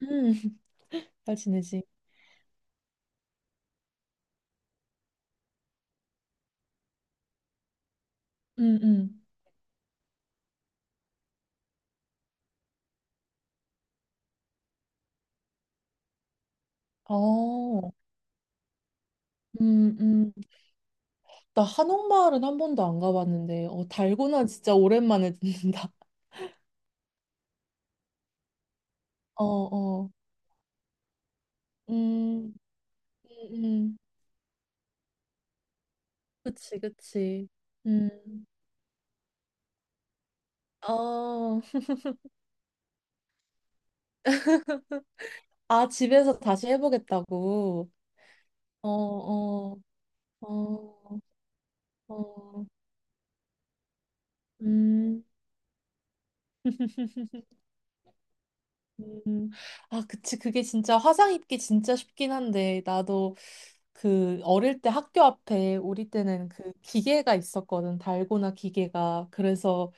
음, 잘 지내지. 음, 음. 어, 음, 음. 나 한옥마을은 한 번도 안 가봤는데, 어, 달고나 진짜 오랜만에 듣는다. 어, 어. 음, 음, 음. 그치, 그치. 음. 어, 아, 집에서 다시 해보겠다고. 어, 어, 어, 어. 음. 음, 아, 그치. 그게 진짜 화상 입기 진짜 쉽긴 한데, 나도 그 어릴 때 학교 앞에 우리 때는 그 기계가 있었거든. 달고나 기계가. 그래서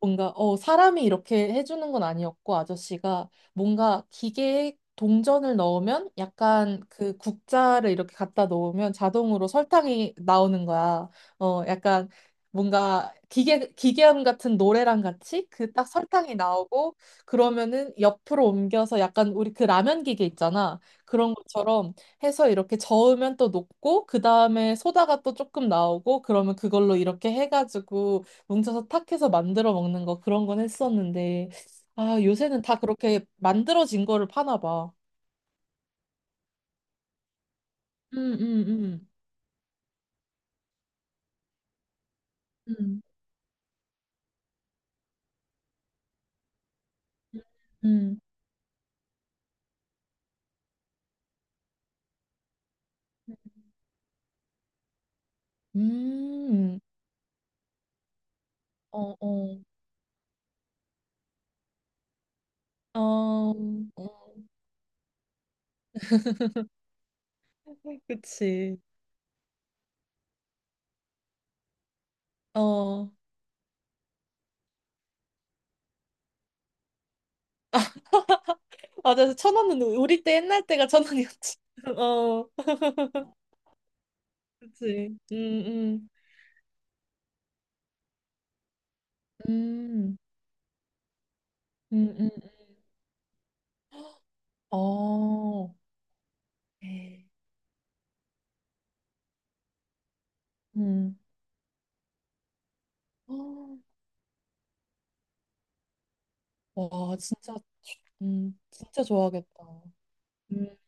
뭔가 어 사람이 이렇게 해주는 건 아니었고 아저씨가 뭔가 기계에 동전을 넣으면 약간 그 국자를 이렇게 갖다 놓으면 자동으로 설탕이 나오는 거야. 어 약간 뭔가 기계 기계음 같은 노래랑 같이 그 딱 설탕이 나오고 그러면은 옆으로 옮겨서 약간 우리 그 라면 기계 있잖아. 그런 것처럼 해서 이렇게 저으면 또 녹고 그 다음에 소다가 또 조금 나오고 그러면 그걸로 이렇게 해가지고 뭉쳐서 탁해서 만들어 먹는 거 그런 건 했었는데 아 요새는 다 그렇게 만들어진 거를 파나 봐. 음, 음, 음, 음, 음, 음, 어, 어, 어, 어, 그치. 어, 맞아. 그래서 천 원은 우리 때 옛날 때가 1,000원이었지. 어, 그치. 음, 음, 음, 음, 음. 어, 에 음. 어, 와, 진짜, 진짜 좋아하겠다.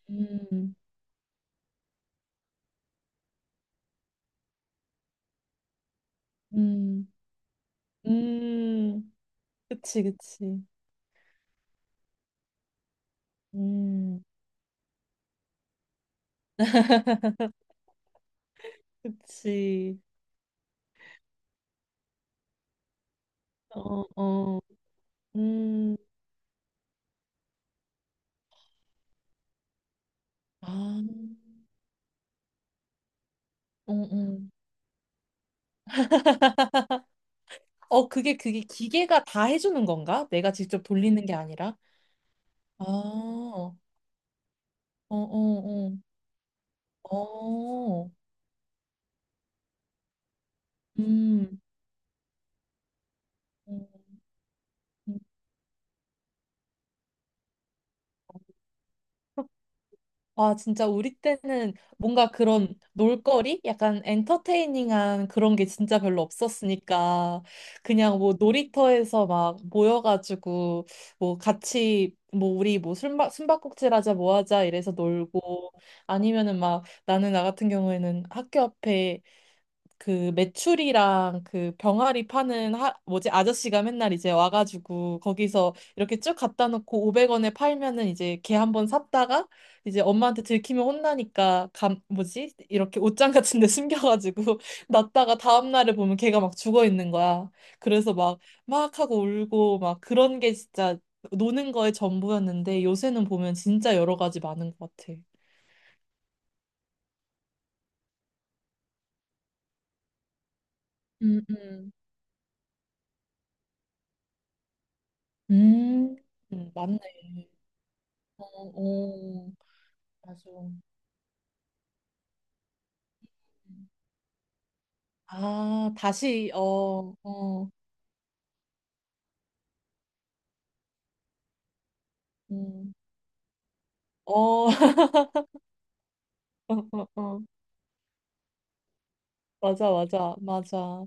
음, 음, 음, 그치, 그치. 음, 그치. 어, 어, 음, 아, 어, 어. 어, 그게, 그게 기계가 다 해주는 건가? 내가 직접 돌리는 게 아니라? 아, 어, 어, 어, 어, 음, 음, 음. 와, 진짜 우리 때는 뭔가 그런 놀거리? 약간 엔터테이닝한 그런 게 진짜 별로 없었으니까 그냥 뭐 놀이터에서 막 모여가지고 뭐 같이 뭐 우리 뭐 숨바꼭질 하자 뭐 하자 이래서 놀고 아니면은 막 나는 나 같은 경우에는 학교 앞에 그 메추리랑 그 병아리 파는 뭐지 아저씨가 맨날 이제 와가지고 거기서 이렇게 쭉 갖다 놓고 500원에 팔면은 이제 걔 한 번 샀다가 이제 엄마한테 들키면 혼나니까 감 뭐지 이렇게 옷장 같은 데 숨겨가지고 났다가 다음 날을 보면 걔가 막 죽어 있는 거야. 그래서 막 막 하고 울고 막 그런 게 진짜 노는 거의 전부였는데 요새는 보면 진짜 여러 가지 많은 것 같아. 음, 음. 음, 맞네. 어, 어. 맞아. 아, 다시, 어, 어, 음, 어, 어, 맞아, 맞아, 맞아.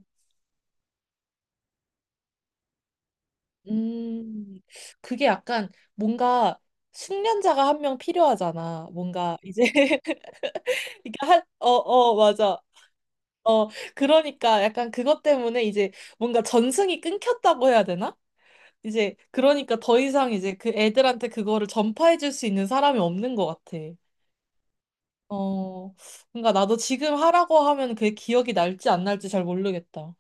음, 그게 약간 뭔가 숙련자가 한 명 필요하잖아. 뭔가 이제, 이게 한, 어, 어, 맞아. 어, 그러니까 약간 그것 때문에 이제 뭔가 전승이 끊겼다고 해야 되나? 이제, 그러니까 더 이상 이제 그 애들한테 그거를 전파해 줄 수 있는 사람이 없는 것 같아. 어, 그러니까 나도 지금 하라고 하면 그게 기억이 날지 안 날지 잘 모르겠다.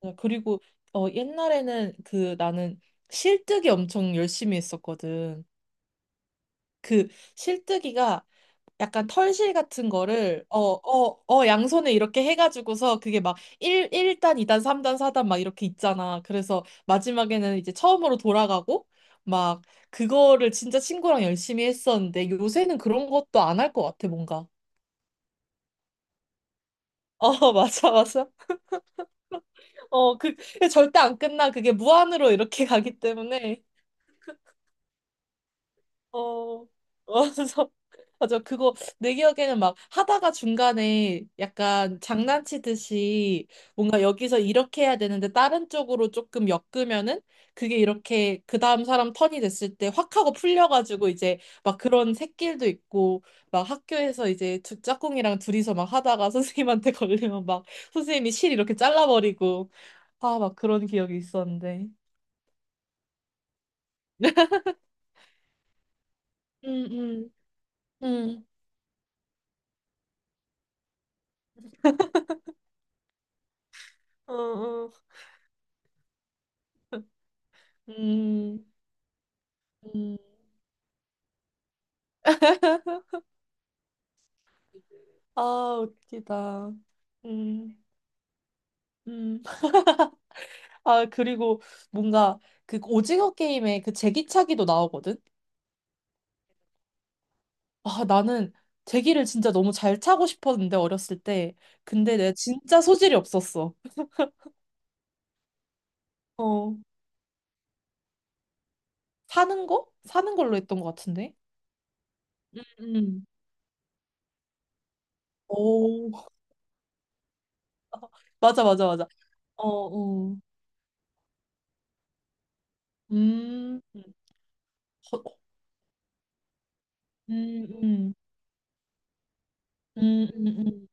어, 그리고 어, 옛날에는 그 나는 실뜨기 엄청 열심히 했었거든. 그 실뜨기가 약간 털실 같은 거를 어, 어, 어, 양손에 이렇게 해가지고서 그게 막 1, 일단이단삼단사단막 이렇게 있잖아. 그래서 마지막에는 이제 처음으로 돌아가고 막 그거를 진짜 친구랑 열심히 했었는데 요새는 그런 것도 안 할 것 같아, 뭔가. 어, 맞아, 맞아. 어, 그, 그게 절대 안 끝나. 그게 무한으로 이렇게 가기 때문에. 어, 어, 그래서, 맞아. 그거, 내 기억에는 막 하다가 중간에 약간 장난치듯이 뭔가 여기서 이렇게 해야 되는데 다른 쪽으로 조금 엮으면은 그게 이렇게 그 다음 사람 턴이 됐을 때 확 하고 풀려가지고 이제 막 그런 샛길도 있고 막 학교에서 이제 두 짝꿍이랑 둘이서 막 하다가 선생님한테 걸리면 막 선생님이 실 이렇게 잘라버리고 아, 막 그런 기억이 있었는데. 음, 음, 음, 어, 어. 음, 음. 아, 웃기다. 음, 음. 아, 그리고 뭔가 그 오징어 게임에 그 제기차기도 나오거든? 아, 나는 제기를 진짜 너무 잘 차고 싶었는데, 어렸을 때. 근데 내가 진짜 소질이 없었어. 어, 사는 거? 사는 걸로 했던 것 같은데? 음, 음. 오, 맞아, 맞아, 맞아. 어, 어. 음, 음, 음, 음, 음, 음.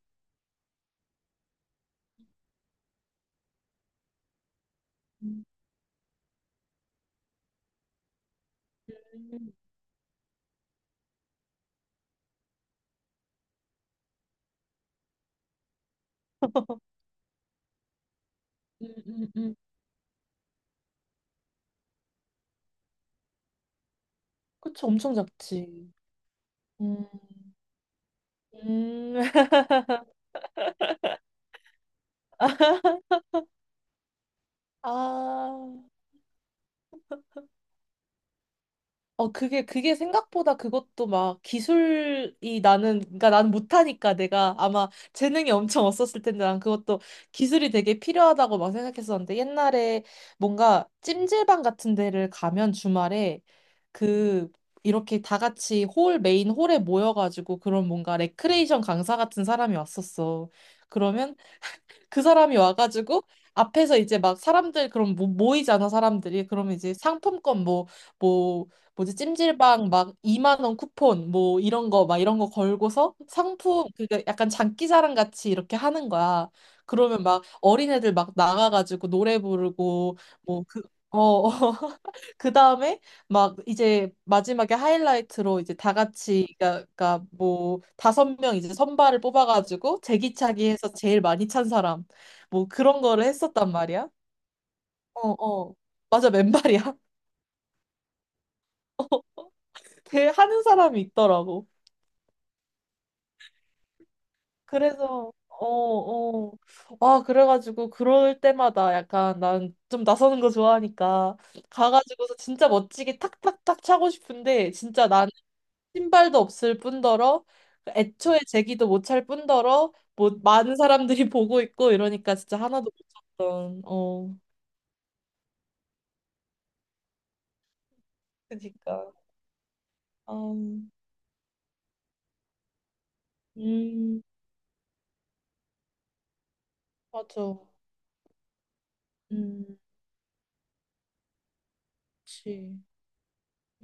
음. 음, 음, 음, 음. 그치, 엄청 작지. 음, 음, 아, 어, 그게, 그게 생각보다 그것도 막 기술이 나는, 그러니까 나는 못하니까 내가 아마 재능이 엄청 없었을 텐데 난 그것도 기술이 되게 필요하다고 막 생각했었는데 옛날에 뭔가 찜질방 같은 데를 가면 주말에 그, 이렇게 다 같이 홀, 메인 홀에 모여가지고 그런 뭔가 레크레이션 강사 같은 사람이 왔었어. 그러면 그 사람이 와가지고 앞에서 이제 막 사람들 그럼 모이잖아 사람들이 그럼 이제 상품권 뭐 뭐 뭐지 찜질방 막 2만 원 쿠폰 뭐 이런 거 막 이런 거 걸고서 상품 그게 약간 장기자랑 같이 이렇게 하는 거야 그러면 막 어린애들 막 나가가지고 노래 부르고 뭐그어 그 다음에 막 이제 마지막에 하이라이트로 이제 다 같이 그러니까 그러니까 뭐 다섯 명 이제 선발을 뽑아가지고 제기차기 해서 제일 많이 찬 사람 뭐 그런 거를 했었단 말이야. 어, 어. 맞아, 맨발이야. 그 하는 사람이 있더라고. 그래서 어, 어. 아, 그래가지고 그럴 때마다 약간 난 좀 나서는 거 좋아하니까 가가지고서 진짜 멋지게 탁탁탁 차고 싶은데 진짜 신발도 없을 뿐더러 그 애초에 제기도 못 찰 뿐더러 뭐 많은 사람들이 보고 있고 이러니까 진짜 하나도 못 샀던 어 그니까 음, 음 맞아 음 그치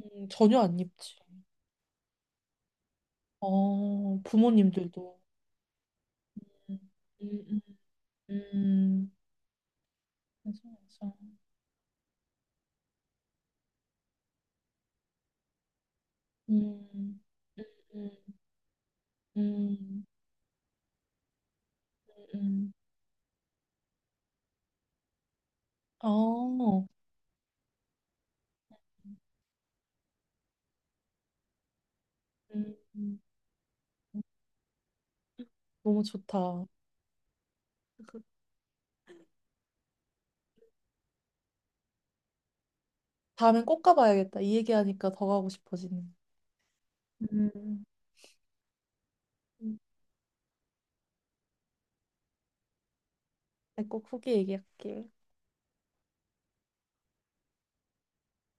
전혀 안 입지 어 부모님들도 음 음 음 음. 맞아 맞아 음 음 음 음 어 음, 음. 너무 좋다 다음엔 꼭 가봐야겠다. 이 얘기하니까 더 가고 싶어지네. 음. 음. 꼭 후기 얘기할게.